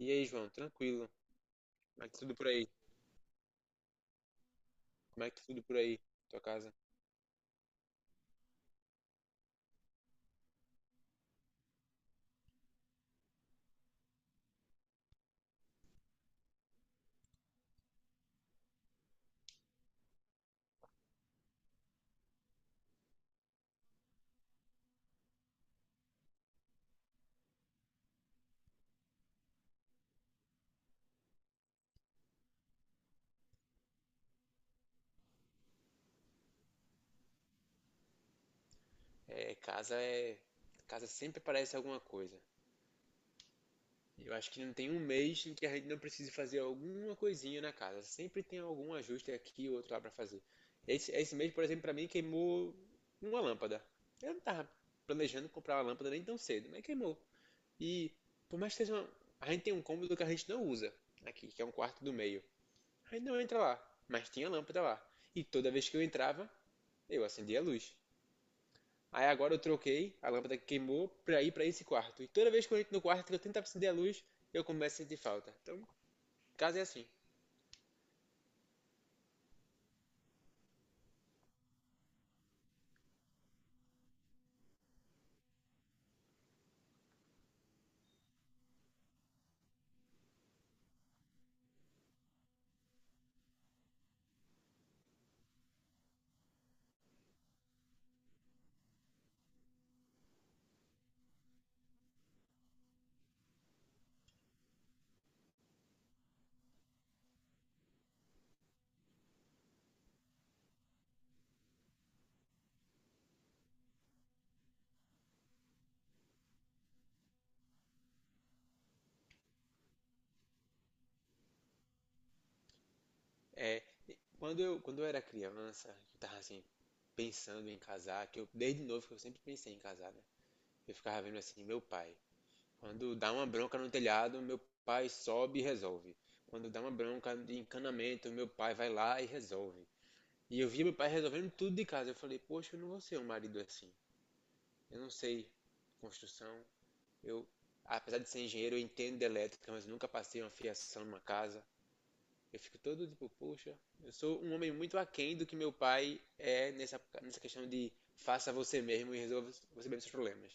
E aí, João, tranquilo? Como é que tudo por aí? Como é que tudo por aí? Tua casa? É, casa é. Casa sempre aparece alguma coisa. Eu acho que não tem um mês em que a gente não precise fazer alguma coisinha na casa. Sempre tem algum ajuste aqui ou outro lá pra fazer. Esse mês, por exemplo, pra mim queimou uma lâmpada. Eu não tava planejando comprar uma lâmpada nem tão cedo, mas queimou. E por mais que seja uma. A gente tem um cômodo que a gente não usa aqui, que é um quarto do meio. Aí não entra lá, mas tinha lâmpada lá. E toda vez que eu entrava, eu acendia a luz. Aí agora eu troquei a lâmpada que queimou pra ir pra esse quarto. E toda vez que eu entro no quarto que eu tento acender a luz, eu começo a sentir falta. Então, o caso é assim. É, quando eu era criança, eu tava assim, pensando em casar, que eu, desde novo, que eu sempre pensei em casar, né? Eu ficava vendo assim, meu pai, quando dá uma bronca no telhado, meu pai sobe e resolve. Quando dá uma bronca de encanamento, meu pai vai lá e resolve. E eu via meu pai resolvendo tudo de casa. Eu falei, poxa, eu não vou ser um marido assim. Eu não sei construção. Eu, apesar de ser engenheiro, eu entendo de elétrica, mas eu nunca passei uma fiação numa casa. Eu fico todo tipo, poxa, eu sou um homem muito aquém do que meu pai é nessa questão de faça você mesmo e resolva você mesmo seus problemas.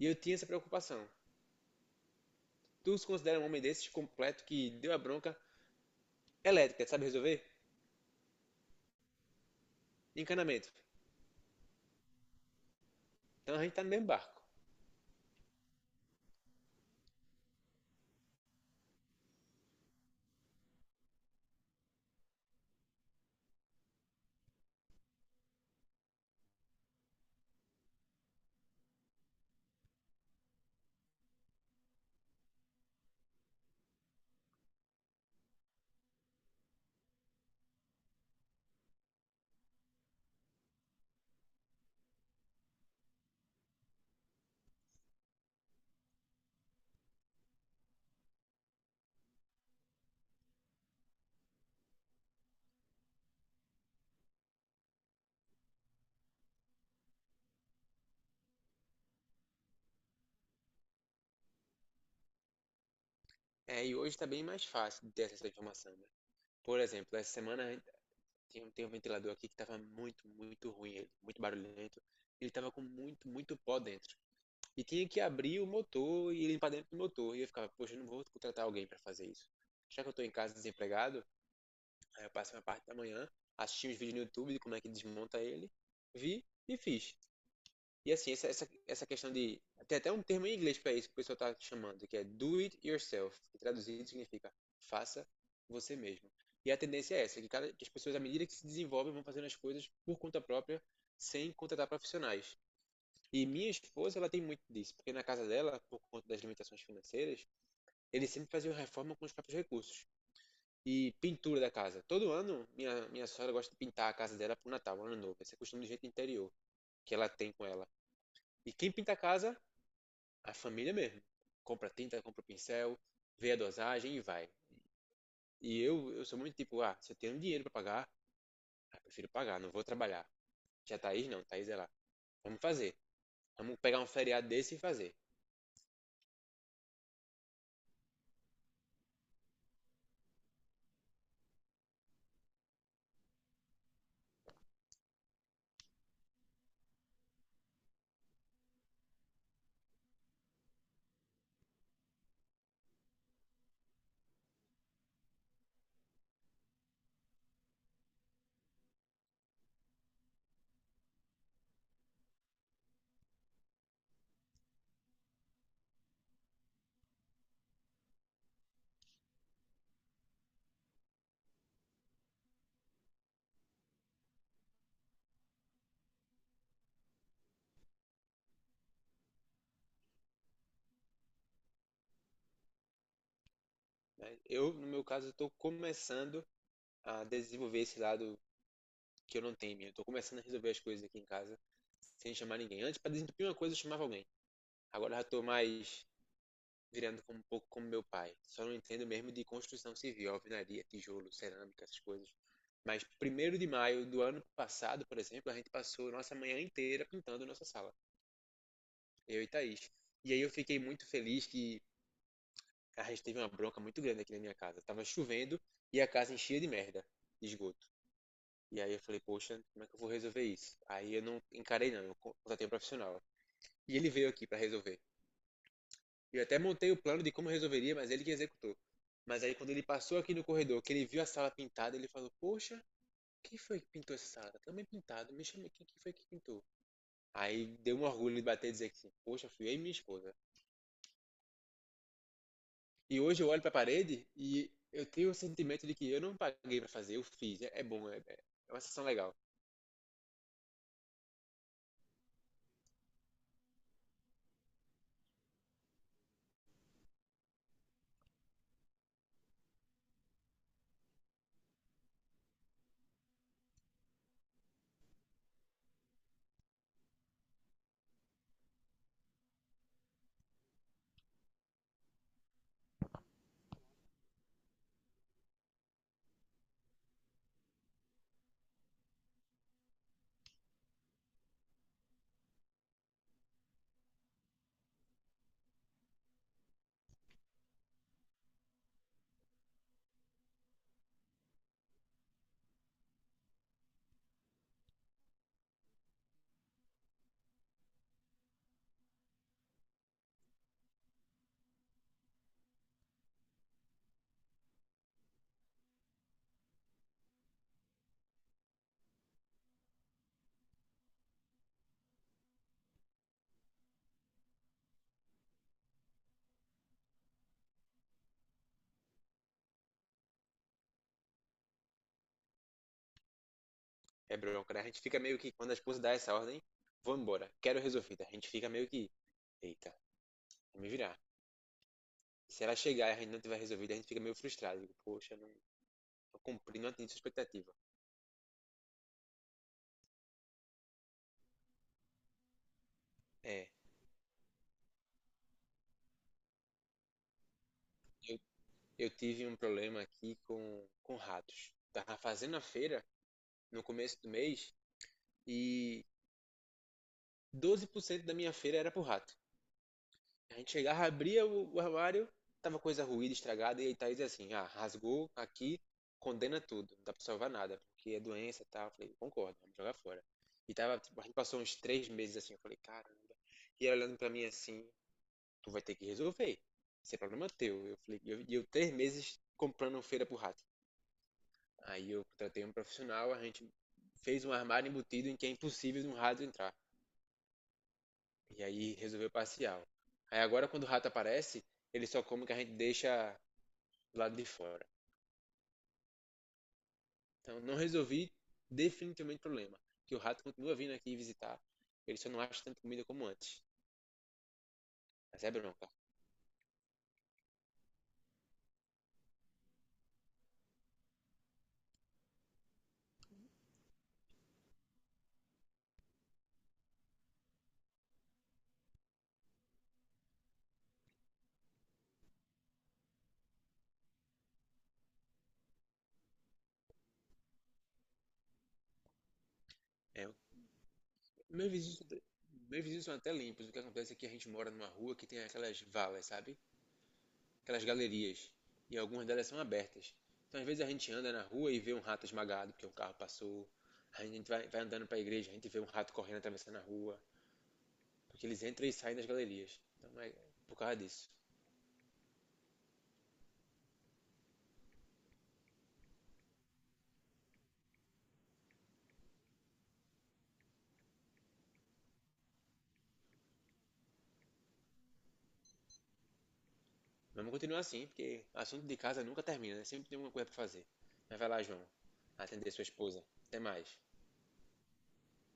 E eu tinha essa preocupação. Tu se considera um homem desses completo que deu a bronca elétrica, sabe resolver? Encanamento. Então a gente tá no mesmo barco. É, e hoje tá bem mais fácil de ter essa informação, né? Por exemplo, essa semana a gente tem um ventilador aqui que estava muito, muito ruim, ele, muito barulhento. Ele estava com muito, muito pó dentro. E tinha que abrir o motor e limpar dentro do motor. E eu ficava, poxa, eu não vou contratar alguém para fazer isso. Já que eu estou em casa desempregado, aí eu passei uma parte da manhã, assisti uns vídeos no YouTube de como é que desmonta ele, vi e fiz. E assim, essa questão de. Tem até um termo em inglês para isso que o pessoal está chamando, que é do it yourself, que traduzido significa faça você mesmo. E a tendência é essa, que, cada, que as pessoas, à medida que se desenvolvem, vão fazendo as coisas por conta própria, sem contratar profissionais. E minha esposa, ela tem muito disso, porque na casa dela, por conta das limitações financeiras, eles sempre faziam reforma com os próprios recursos. E pintura da casa. Todo ano, minha sogra gosta de pintar a casa dela pro Natal, ano novo. Esse é costume do jeito interior que ela tem com ela. E quem pinta a casa a família mesmo. Compra tinta, compra pincel, vê a dosagem e vai. E eu sou muito tipo, ah, se eu tenho dinheiro pra pagar, ah, prefiro pagar, não vou trabalhar. Já Thaís não, Thaís é lá. Vamos fazer. Vamos pegar um feriado desse e fazer. Né? Eu, no meu caso, estou começando a desenvolver esse lado que eu não tenho em mim. Eu tô começando a resolver as coisas aqui em casa sem chamar ninguém. Antes, para desentupir uma coisa, eu chamava alguém. Agora já estou mais virando como, um pouco como meu pai. Só não entendo mesmo de construção civil, alvenaria, tijolo, cerâmica, essas coisas. Mas 1º de maio do ano passado, por exemplo, a gente passou nossa manhã inteira pintando nossa sala, eu e Thaís. E aí eu fiquei muito feliz que a gente teve uma bronca muito grande aqui na minha casa. Tava chovendo e a casa enchia de merda, de esgoto. E aí eu falei, poxa, como é que eu vou resolver isso? Aí eu não encarei não, eu contratei um profissional. E ele veio aqui para resolver. Eu até montei o plano de como resolveria, mas ele que executou. Mas aí quando ele passou aqui no corredor, que ele viu a sala pintada, ele falou: Poxa, quem foi que pintou essa sala? Também pintado, me chama aqui, quem foi que pintou? Aí deu um orgulho de bater e dizer que, poxa, fui eu e minha esposa. E hoje eu olho para a parede e eu tenho o sentimento de que eu não paguei para fazer, eu fiz. É bom, é uma sensação legal. É bronca, né? A gente fica meio que, quando a esposa dá essa ordem, vou embora, quero resolvida. A gente fica meio que, eita, vou me virar. Se ela chegar e a gente não tiver resolvido, a gente fica meio frustrado. Digo, poxa, não, tô cumprindo, a sua expectativa. É. Eu, eu tive um problema aqui com ratos. Tava fazendo a feira no começo do mês e 12% da minha feira era pro rato. A gente chegava, abria o armário, tava coisa ruída, estragada, e aí Thaís é assim, ah, rasgou aqui, condena tudo, não dá pra salvar nada, porque é doença e tal. Eu falei, concordo, vamos jogar fora. E tava, tipo, a gente passou uns 3 meses assim, eu falei, caramba. E ela olhando pra mim assim, tu vai ter que resolver. Isso é problema teu. Eu falei, e eu 3 meses comprando feira pro rato. Aí eu contratei um profissional, a gente fez um armário embutido em que é impossível de um rato entrar. E aí resolveu parcial. Aí agora quando o rato aparece, ele só come o que a gente deixa do lado de fora. Então não resolvi definitivamente o problema. Que o rato continua vindo aqui visitar. Ele só não acha tanta comida como antes. Mas é bronca. É, meus vizinhos, meus vizinhos são até limpos. O que acontece é que a gente mora numa rua que tem aquelas valas, sabe? Aquelas galerias, e algumas delas são abertas. Então, às vezes, a gente anda na rua e vê um rato esmagado porque um carro passou. A gente vai andando para a igreja, a gente vê um rato correndo atravessando a rua, porque eles entram e saem das galerias. Então, é por causa disso. Mas vamos continuar assim, porque assunto de casa nunca termina, né? Sempre tem alguma coisa para fazer. Mas vai lá, João, atender sua esposa. Até mais.